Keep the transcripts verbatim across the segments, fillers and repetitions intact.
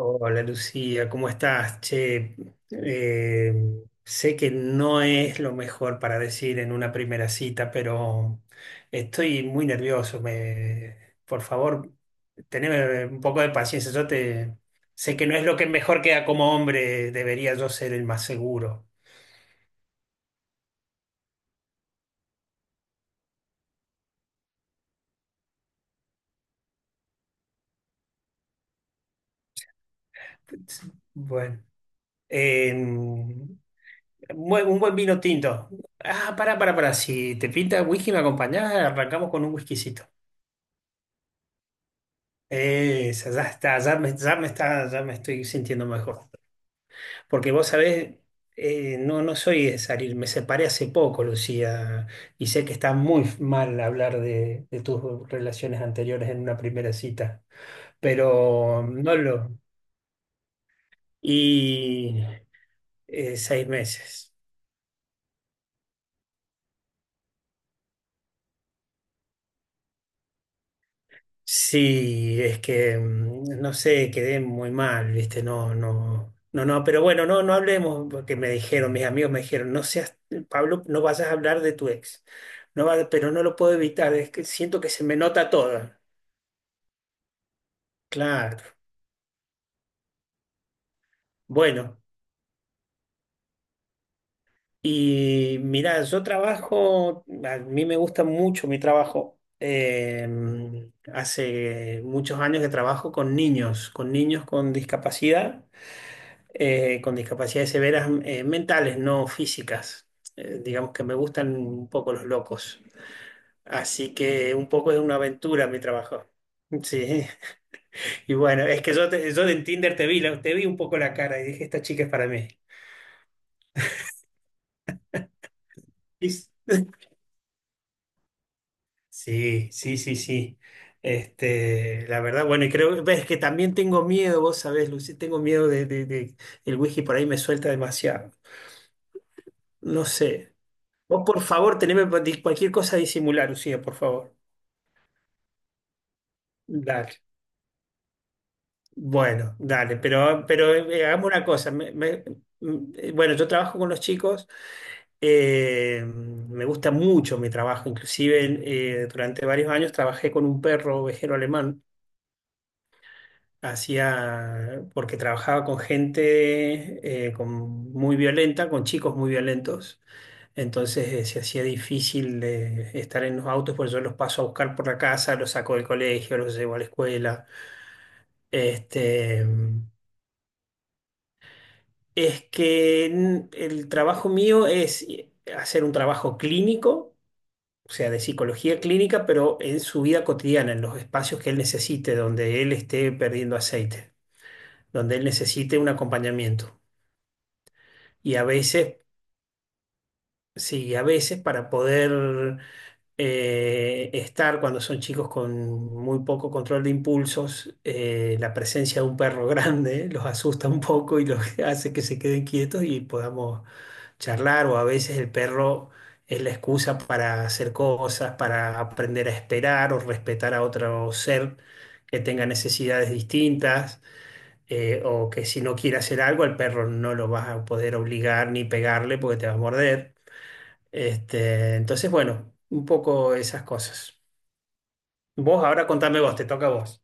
Hola Lucía, ¿cómo estás? Che, eh, sé que no es lo mejor para decir en una primera cita, pero estoy muy nervioso. Me, por favor, teneme un poco de paciencia. Yo te sé que no es lo que mejor queda como hombre, debería yo ser el más seguro. Bueno, eh, buen- un buen vino tinto. Ah, para, para, para. Si te pinta whisky, me acompañás, arrancamos con un whiskycito. Esa, ya está, ya me, ya me está, ya me estoy sintiendo mejor. Porque vos sabés, eh, no, no soy de salir, me separé hace poco, Lucía, y sé que está muy mal hablar de, de tus relaciones anteriores en una primera cita, pero no lo... Y eh, seis meses. Sí, es que mm, no sé, quedé muy mal, ¿viste? No, no, no, no, pero bueno, no, no hablemos, porque me dijeron, mis amigos me dijeron, no seas, Pablo, no vayas a hablar de tu ex. No va- pero no lo puedo evitar, es que siento que se me nota todo. Claro. Bueno, y mirá, yo trabajo, a mí me gusta mucho mi trabajo. Eh, mm, hace muchos años que trabajo con niños, con niños con discapacidad. Eh, con discapacidades severas eh, mentales, no físicas. Eh, digamos que me gustan un poco los locos. Así que un poco es una aventura mi trabajo. Sí, y bueno, es que yo, te- yo en Tinder te vi, la- te vi un poco la cara y dije, esta chica es para mí. Y s- Sí, sí, sí, sí. Este, la verdad, bueno, y creo, ves que también tengo miedo, vos sabés, Lucy, tengo miedo de, de- de- el whisky por ahí me suelta demasiado. No sé. Vos, por favor, teneme pa- di- cualquier cosa a disimular, Lucía, por favor. Dale, bueno, dale, pero, pero eh, hagamos una cosa. Me- me- mm, bueno, yo trabajo con los chicos, eh, me gusta mucho mi trabajo, inclusive eh, durante varios años trabajé con un perro ovejero alemán, hacía, porque trabajaba con gente eh, con- muy violenta, con chicos muy violentos, entonces eh, se hacía difícil de estar en los autos, pues yo los paso a buscar por la casa, los saco del colegio, los llevo a la escuela. Este, es que n- el trabajo mío es eh, hacer un trabajo clínico, o sea, de psicología clínica, pero en su vida cotidiana, en los espacios que él necesite, donde él esté perdiendo aceite, donde él necesite un acompañamiento. Y a veces, sí, a veces para poder eh, estar cuando son chicos con muy poco control de impulsos, eh, la presencia de un perro grande los asusta un poco y los hace que se queden quietos y podamos charlar o a veces el perro es la excusa para hacer cosas, para aprender a esperar o respetar a otro ser que tenga necesidades distintas. Eh, o que si no quiere hacer algo, al perro no lo vas a poder obligar ni pegarle porque te va a morder. Este, entonces, bueno, un poco esas cosas. Vos ahora contame vos, te toca a vos.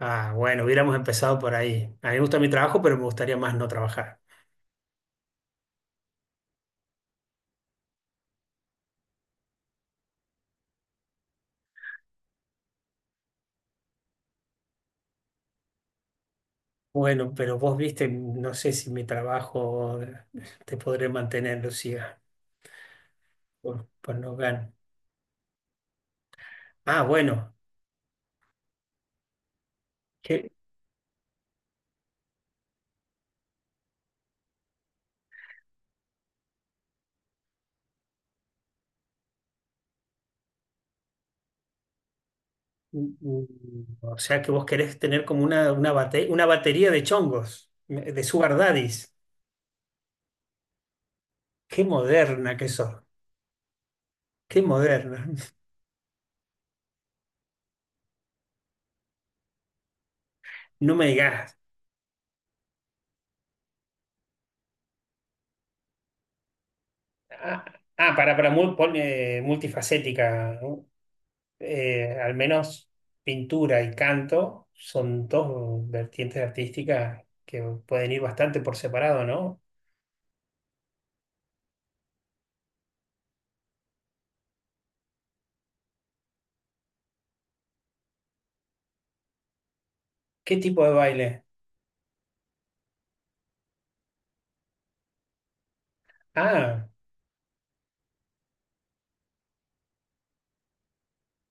Ah, bueno, hubiéramos empezado por ahí. A mí me gusta mi trabajo, pero me gustaría más no trabajar. Bueno, pero vos viste, no sé si mi trabajo te podré mantener, Lucía, por, por no ganar. Ah, bueno, que, o sea que vos querés tener como una, una, bate- una batería de chongos, de sugar daddies. Qué moderna que sos, qué moderna. No me digas. Ah, ah, para, para mul- pol- eh, Multifacética, ¿no? Eh, al menos pintura y canto son dos vertientes artísticas que pueden ir bastante por separado, ¿no? ¿Qué tipo de baile? Ah,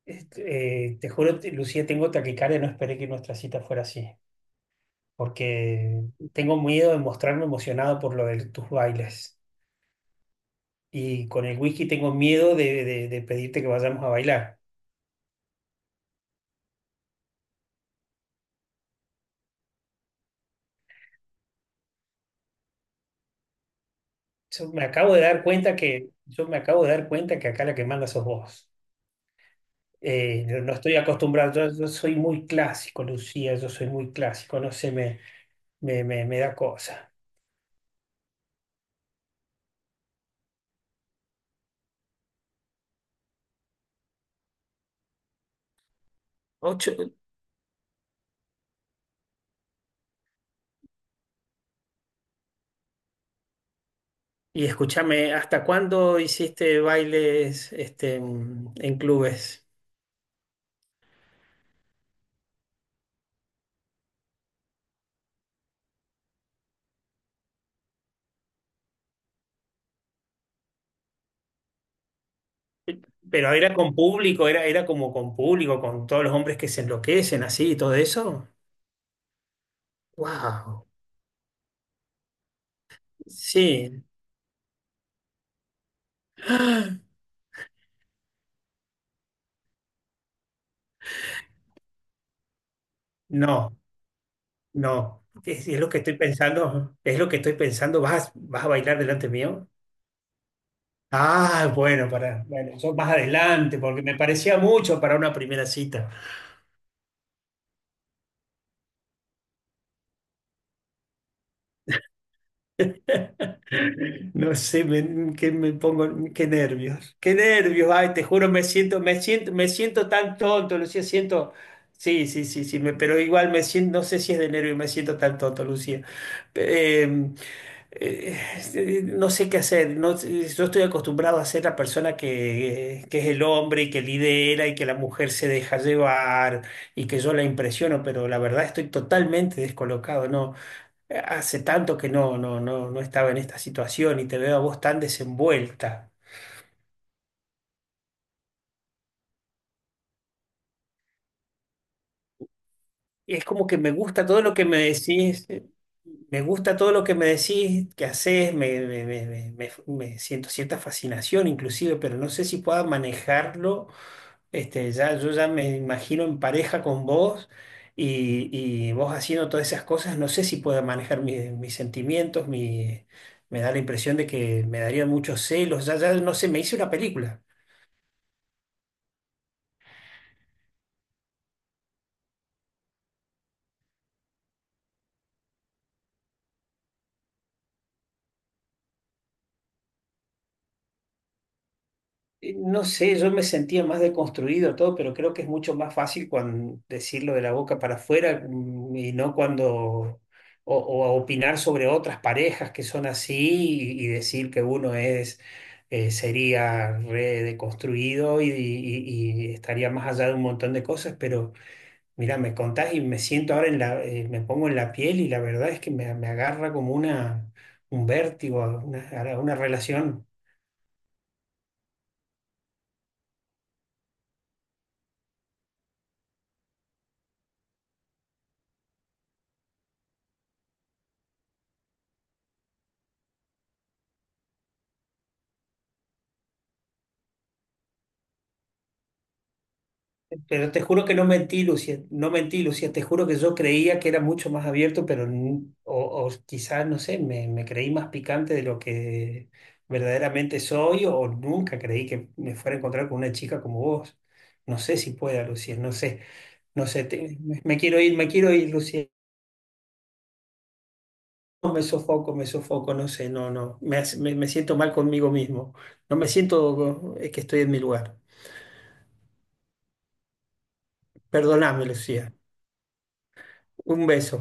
este, eh, Te juro, te- Lucía, tengo taquicardia, no esperé que nuestra cita fuera así, porque tengo miedo de mostrarme emocionado por lo de tus bailes y con el whisky tengo miedo de, de de pedirte que vayamos a bailar. Yo me acabo de dar cuenta que, yo me acabo de dar cuenta que acá la que manda sos vos. Eh, yo no estoy acostumbrado, yo, yo soy muy clásico, Lucía, yo soy muy clásico, no sé, me, me, me, me da cosa. Ocho, y escúchame, ¿hasta cuándo hiciste bailes este, en en clubes? Pero era con público, era, era como con público, con todos los hombres que se enloquecen así y todo eso. ¡Wow! Sí. No. No, es, es lo que estoy pensando, es lo que estoy pensando, ¿vas, vas a bailar delante mío? Ah, bueno, para, bueno, yo más adelante, porque me parecía mucho para una primera cita. No sé, me, que me pongo, qué nervios, qué nervios, ay, te juro, me siento, me siento, me siento tan tonto, Lucía, siento, sí, sí, sí, sí, me, pero igual me siento, no sé si es de nervios, me siento tan tonto, Lucía. Eh, eh, eh, no sé qué hacer. No, sé, yo estoy acostumbrado a ser la persona que, que es el hombre y que lidera y que la mujer se deja llevar y que yo la impresiono, pero la verdad estoy totalmente descolocado. No, Eh, hace tanto que no, no, no, no estaba en esta situación y te veo a vos tan desenvuelta. Y es como que me gusta todo lo que me decís. eh, Me gusta todo lo que me decís, que haces, me, me me- me- me- me siento cierta fascinación inclusive, pero no sé si pueda manejarlo. Este, ya, yo ya me imagino en pareja con vos y, y vos haciendo todas esas cosas. No sé si puedo manejar mi- mis sentimientos, mi, me da la impresión de que me darían muchos celos. Ya, ya no sé, me hice una película. Eh, No sé, yo me sentía más deconstruido todo, pero creo que es mucho más fácil cuando decirlo de la boca para afuera mm, y no cuando, o, o a opinar sobre otras parejas que son así y, y decir que uno es, eh, sería re deconstruido y, y- y estaría más allá de un montón de cosas, pero mira, me contás y me siento ahora en la, eh, me pongo en la piel y la verdad es que me, me agarra como una, un vértigo, una, una relación. Pero te juro que no mentí, Lucía, no mentí, Lucía, te juro que yo creía que era mucho más abierto, pero n- o, o quizás, no sé, me, me creí más picante de lo que verdaderamente soy o nunca creí que me fuera a encontrar con una chica como vos. No sé si pueda, Lucía, no sé, no sé, te- me, me quiero ir, me quiero ir, Lucía. No, me sofoco, me sofoco, no sé, no, no, me, hace- me, me siento mal conmigo mismo, no me siento eh, que estoy en mi lugar. Perdóname, Lucía. Un beso.